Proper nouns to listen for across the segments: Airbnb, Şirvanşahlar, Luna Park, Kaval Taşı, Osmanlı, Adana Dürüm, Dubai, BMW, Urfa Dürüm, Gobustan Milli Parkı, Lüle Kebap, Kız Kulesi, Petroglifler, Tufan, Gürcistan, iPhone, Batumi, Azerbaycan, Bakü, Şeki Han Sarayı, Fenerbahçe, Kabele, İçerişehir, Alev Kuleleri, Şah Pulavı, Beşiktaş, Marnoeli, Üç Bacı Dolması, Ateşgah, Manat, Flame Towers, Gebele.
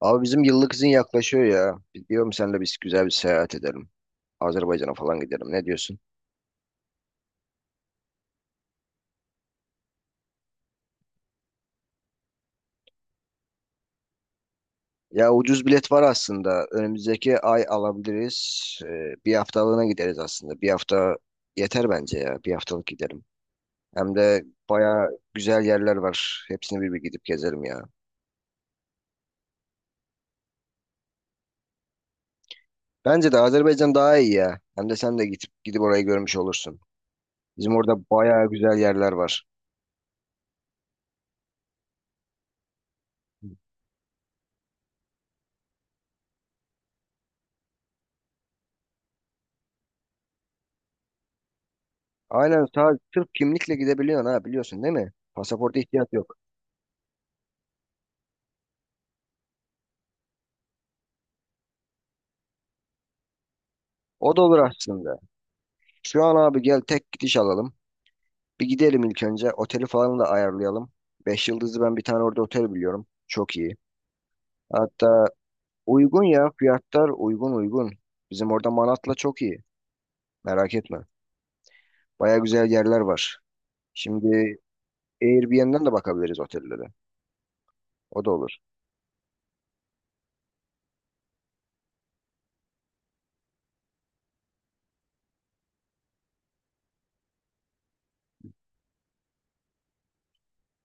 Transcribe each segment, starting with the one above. Abi bizim yıllık izin yaklaşıyor ya. Diyorum senle biz güzel bir seyahat edelim. Azerbaycan'a falan gidelim. Ne diyorsun? Ya ucuz bilet var aslında. Önümüzdeki ay alabiliriz. Bir haftalığına gideriz aslında. Bir hafta yeter bence ya. Bir haftalık gidelim. Hem de baya güzel yerler var. Hepsini bir bir gidip gezelim ya. Bence de Azerbaycan daha iyi ya. Hem de sen de gidip gidip orayı görmüş olursun. Bizim orada baya güzel yerler var. Aynen, sadece Türk kimlikle gidebiliyorsun ha, biliyorsun değil mi? Pasaporta ihtiyaç yok. O da olur aslında. Şu an abi gel tek gidiş alalım. Bir gidelim ilk önce. Oteli falan da ayarlayalım. 5 yıldızlı ben bir tane orada otel biliyorum. Çok iyi. Hatta uygun ya, fiyatlar uygun uygun. Bizim orada Manat'la çok iyi. Merak etme. Baya güzel yerler var. Şimdi Airbnb'den de bakabiliriz otellere. O da olur.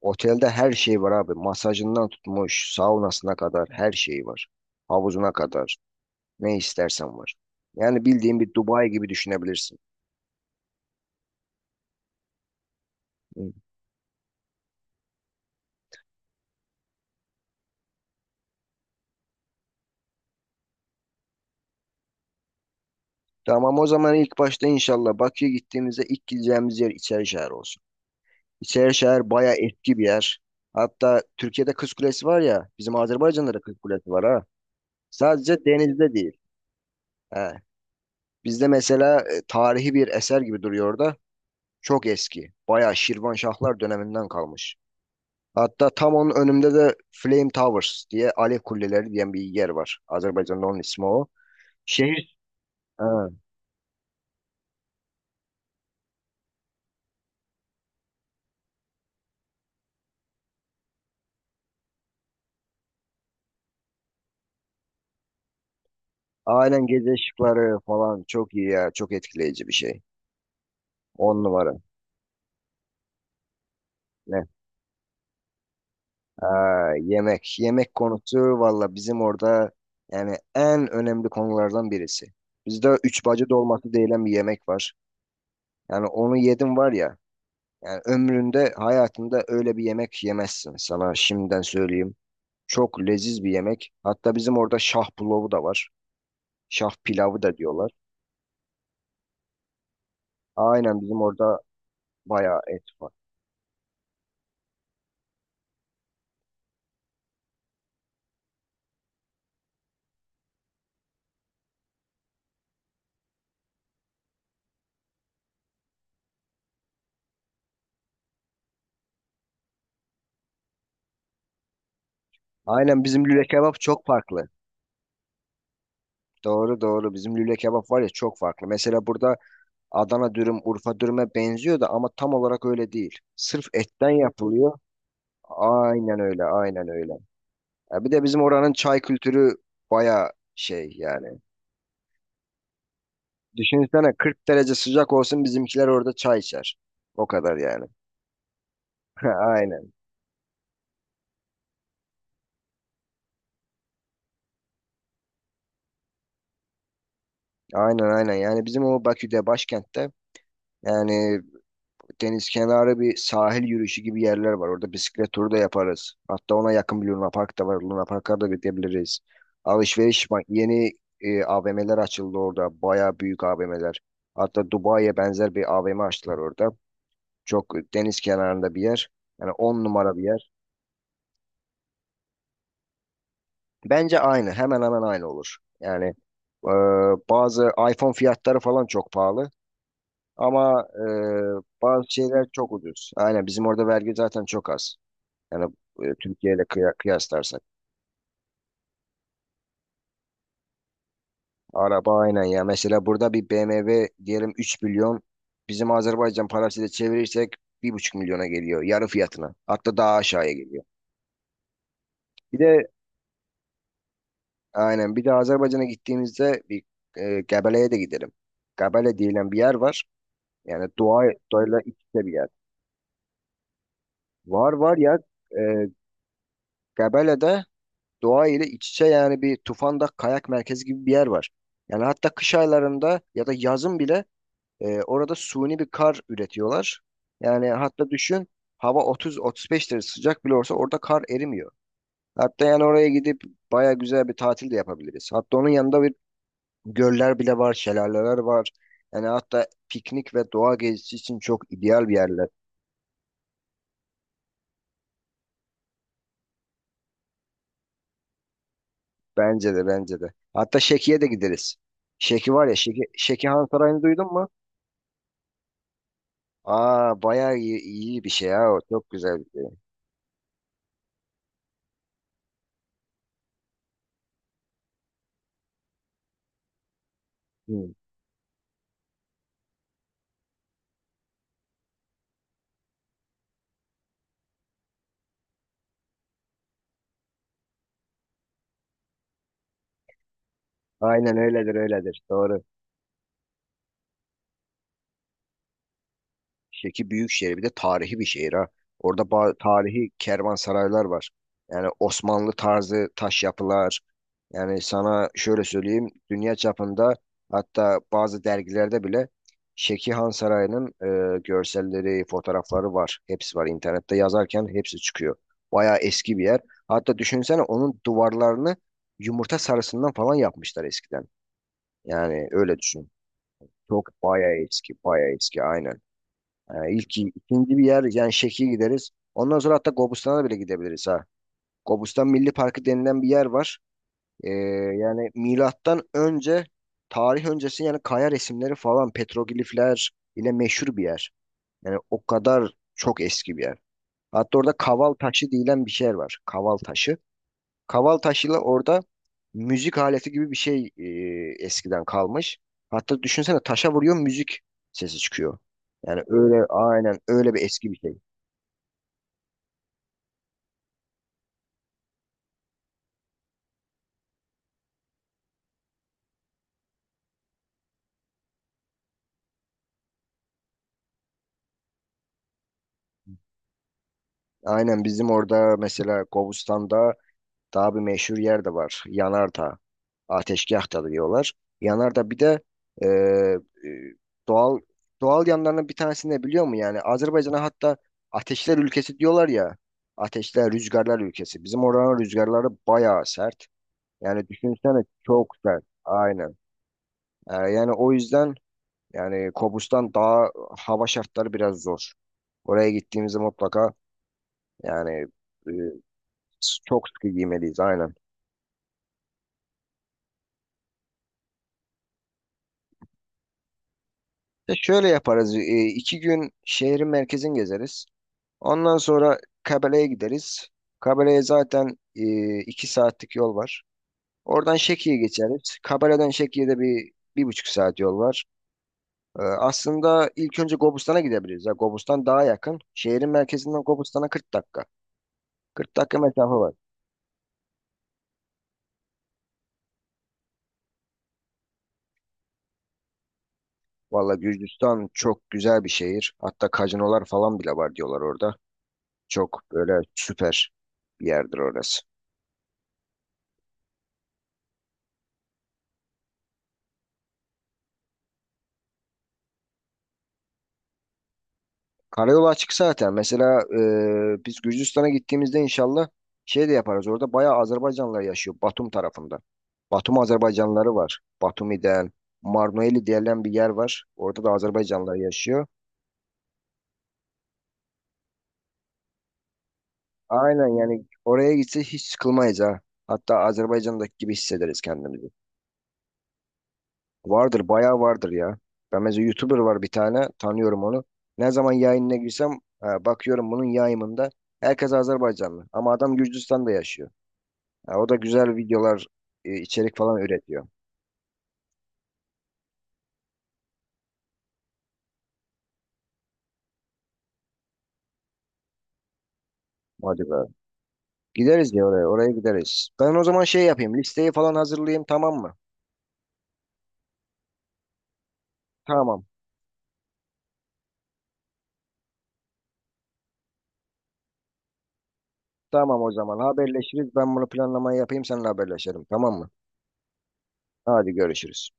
Otelde her şey var abi. Masajından tutmuş, saunasına kadar her şey var. Havuzuna kadar. Ne istersen var. Yani bildiğin bir Dubai gibi düşünebilirsin. Tamam, o zaman ilk başta inşallah Bakü'ye gittiğimizde ilk gideceğimiz yer İçerişehir olsun. İçerişehir bayağı eski bir yer. Hatta Türkiye'de Kız Kulesi var ya, bizim Azerbaycan'da da Kız Kulesi var ha. Sadece denizde değil. He. Bizde mesela tarihi bir eser gibi duruyor orada. Çok eski. Bayağı Şirvanşahlar döneminden kalmış. Hatta tam onun önümde de Flame Towers diye Alev Kuleleri diyen bir yer var. Azerbaycan'da onun ismi o. Şehir. He. Aynen, gece ışıkları falan çok iyi ya. Çok etkileyici bir şey. On numara. Ne? Aa, yemek. Yemek konusu valla bizim orada yani en önemli konulardan birisi. Bizde üç bacı dolması denilen bir yemek var. Yani onu yedim var ya. Yani ömründe hayatında öyle bir yemek yemezsin. Sana şimdiden söyleyeyim. Çok leziz bir yemek. Hatta bizim orada şah pulavı da var. Şah pilavı da diyorlar. Aynen, bizim orada bayağı et var. Aynen, bizim lüle kebap çok farklı. Doğru doğru. Bizim lüle kebap var ya, çok farklı. Mesela burada Adana dürüm, Urfa dürüme benziyor da ama tam olarak öyle değil. Sırf etten yapılıyor. Aynen öyle, aynen öyle. Ya bir de bizim oranın çay kültürü baya şey yani. Düşünsene 40 derece sıcak olsun bizimkiler orada çay içer. O kadar yani. Aynen. Aynen aynen. Yani bizim o Bakü'de başkentte yani deniz kenarı bir sahil yürüyüşü gibi yerler var. Orada bisiklet turu da yaparız. Hatta ona yakın bir Luna Park da var. Luna Park'a da gidebiliriz. Yeni AVM'ler açıldı orada. Baya büyük AVM'ler. Hatta Dubai'ye benzer bir AVM açtılar orada. Çok deniz kenarında bir yer. Yani on numara bir yer. Bence aynı. Hemen hemen aynı olur. Yani e, bazı iPhone fiyatları falan çok pahalı. Ama bazı şeyler çok ucuz. Aynen, bizim orada vergi zaten çok az. Yani Türkiye ile kıyaslarsak. Araba aynen ya. Mesela burada bir BMW diyelim 3 milyon. Bizim Azerbaycan parasıyla çevirirsek 1,5 milyona geliyor. Yarı fiyatına. Hatta daha aşağıya geliyor. Bir de aynen, bir de Azerbaycan'a gittiğimizde bir Gebele'ye de gidelim. Gebele denilen bir yer var. Yani doğa, doğayla iç içe bir yer. Var var ya, e, Gebele'de doğa ile iç içe yani bir Tufan'da kayak merkezi gibi bir yer var. Yani hatta kış aylarında ya da yazın bile orada suni bir kar üretiyorlar. Yani hatta düşün, hava 30-35 derece sıcak bile olsa orada kar erimiyor. Hatta yani oraya gidip baya güzel bir tatil de yapabiliriz. Hatta onun yanında bir göller bile var, şelaleler var. Yani hatta piknik ve doğa gezisi için çok ideal bir yerler. Bence de bence de. Hatta Şeki'ye de gideriz. Şeki var ya, Şeki, Şeki Han Sarayı'nı duydun mu? Aa, bayağı iyi, iyi bir şey ya o. Çok güzel bir şey. Hı. Aynen öyledir öyledir. Doğru. Şeki büyük şehir, bir de tarihi bir şehir ha. Orada tarihi kervansaraylar var. Yani Osmanlı tarzı taş yapılar. Yani sana şöyle söyleyeyim, dünya çapında hatta bazı dergilerde bile Şeki Han Sarayı'nın görselleri, fotoğrafları var. Hepsi var, internette yazarken hepsi çıkıyor. Bayağı eski bir yer. Hatta düşünsene onun duvarlarını yumurta sarısından falan yapmışlar eskiden. Yani öyle düşün. Çok bayağı eski, bayağı eski aynen. İlk, ikinci bir yer yani Şeki'ye gideriz. Ondan sonra hatta Gobustan'a da bile gidebiliriz ha. Gobustan Milli Parkı denilen bir yer var. Ee, yani milattan önce tarih öncesi yani kaya resimleri falan petroglifler ile meşhur bir yer. Yani o kadar çok eski bir yer. Hatta orada kaval taşı denilen bir şey var. Kaval taşı. Kaval taşıyla orada müzik aleti gibi bir şey eskiden kalmış. Hatta düşünsene taşa vuruyor müzik sesi çıkıyor. Yani öyle, aynen öyle bir eski bir şey. Aynen, bizim orada mesela Kobustan'da daha bir meşhur yer de var. Yanardağ. Ateşgah da diyorlar. Yanardağ bir de e, e, doğal doğal yanlarının bir tanesini de biliyor mu? Yani Azerbaycan'a hatta ateşler ülkesi diyorlar ya. Ateşler, rüzgarlar ülkesi. Bizim oranın rüzgarları bayağı sert. Yani düşünsene çok sert. Aynen. Yani o yüzden yani Kobustan daha hava şartları biraz zor. Oraya gittiğimizde mutlaka yani e, çok sıkı giymeliyiz aynen. E şöyle yaparız. E, 2 gün şehrin merkezini gezeriz. Ondan sonra Kabele'ye gideriz. Kabele'ye zaten 2 saatlik yol var. Oradan Şeki'ye geçeriz. Kabele'den Şeki'ye de bir, 1,5 saat yol var. Aslında ilk önce Gobustan'a gidebiliriz. Ya, Gobustan daha yakın. Şehrin merkezinden Gobustan'a 40 dakika. 40 dakika mesafe var. Valla Gürcistan çok güzel bir şehir. Hatta kazinolar falan bile var diyorlar orada. Çok böyle süper bir yerdir orası. Karayolu açık zaten. Mesela biz Gürcistan'a gittiğimizde inşallah şey de yaparız. Orada bayağı Azerbaycanlılar yaşıyor Batum tarafında. Batum Azerbaycanlıları var. Batumi'den, Marnoeli denilen bir yer var. Orada da Azerbaycanlılar yaşıyor. Aynen, yani oraya gitse hiç sıkılmayız ha. Hatta Azerbaycan'daki gibi hissederiz kendimizi. Vardır, bayağı vardır ya. Ben mesela YouTuber var bir tane, tanıyorum onu. Ne zaman yayınına girsem bakıyorum bunun yayımında herkes Azerbaycanlı. Ama adam Gürcistan'da yaşıyor. Ya o da güzel videolar, içerik falan üretiyor. Hadi be. Gideriz ya, oraya, oraya gideriz. Ben o zaman şey yapayım, listeyi falan hazırlayayım, tamam mı? Tamam. Tamam, o zaman haberleşiriz. Ben bunu planlamayı yapayım, seninle haberleşelim, tamam mı? Hadi görüşürüz.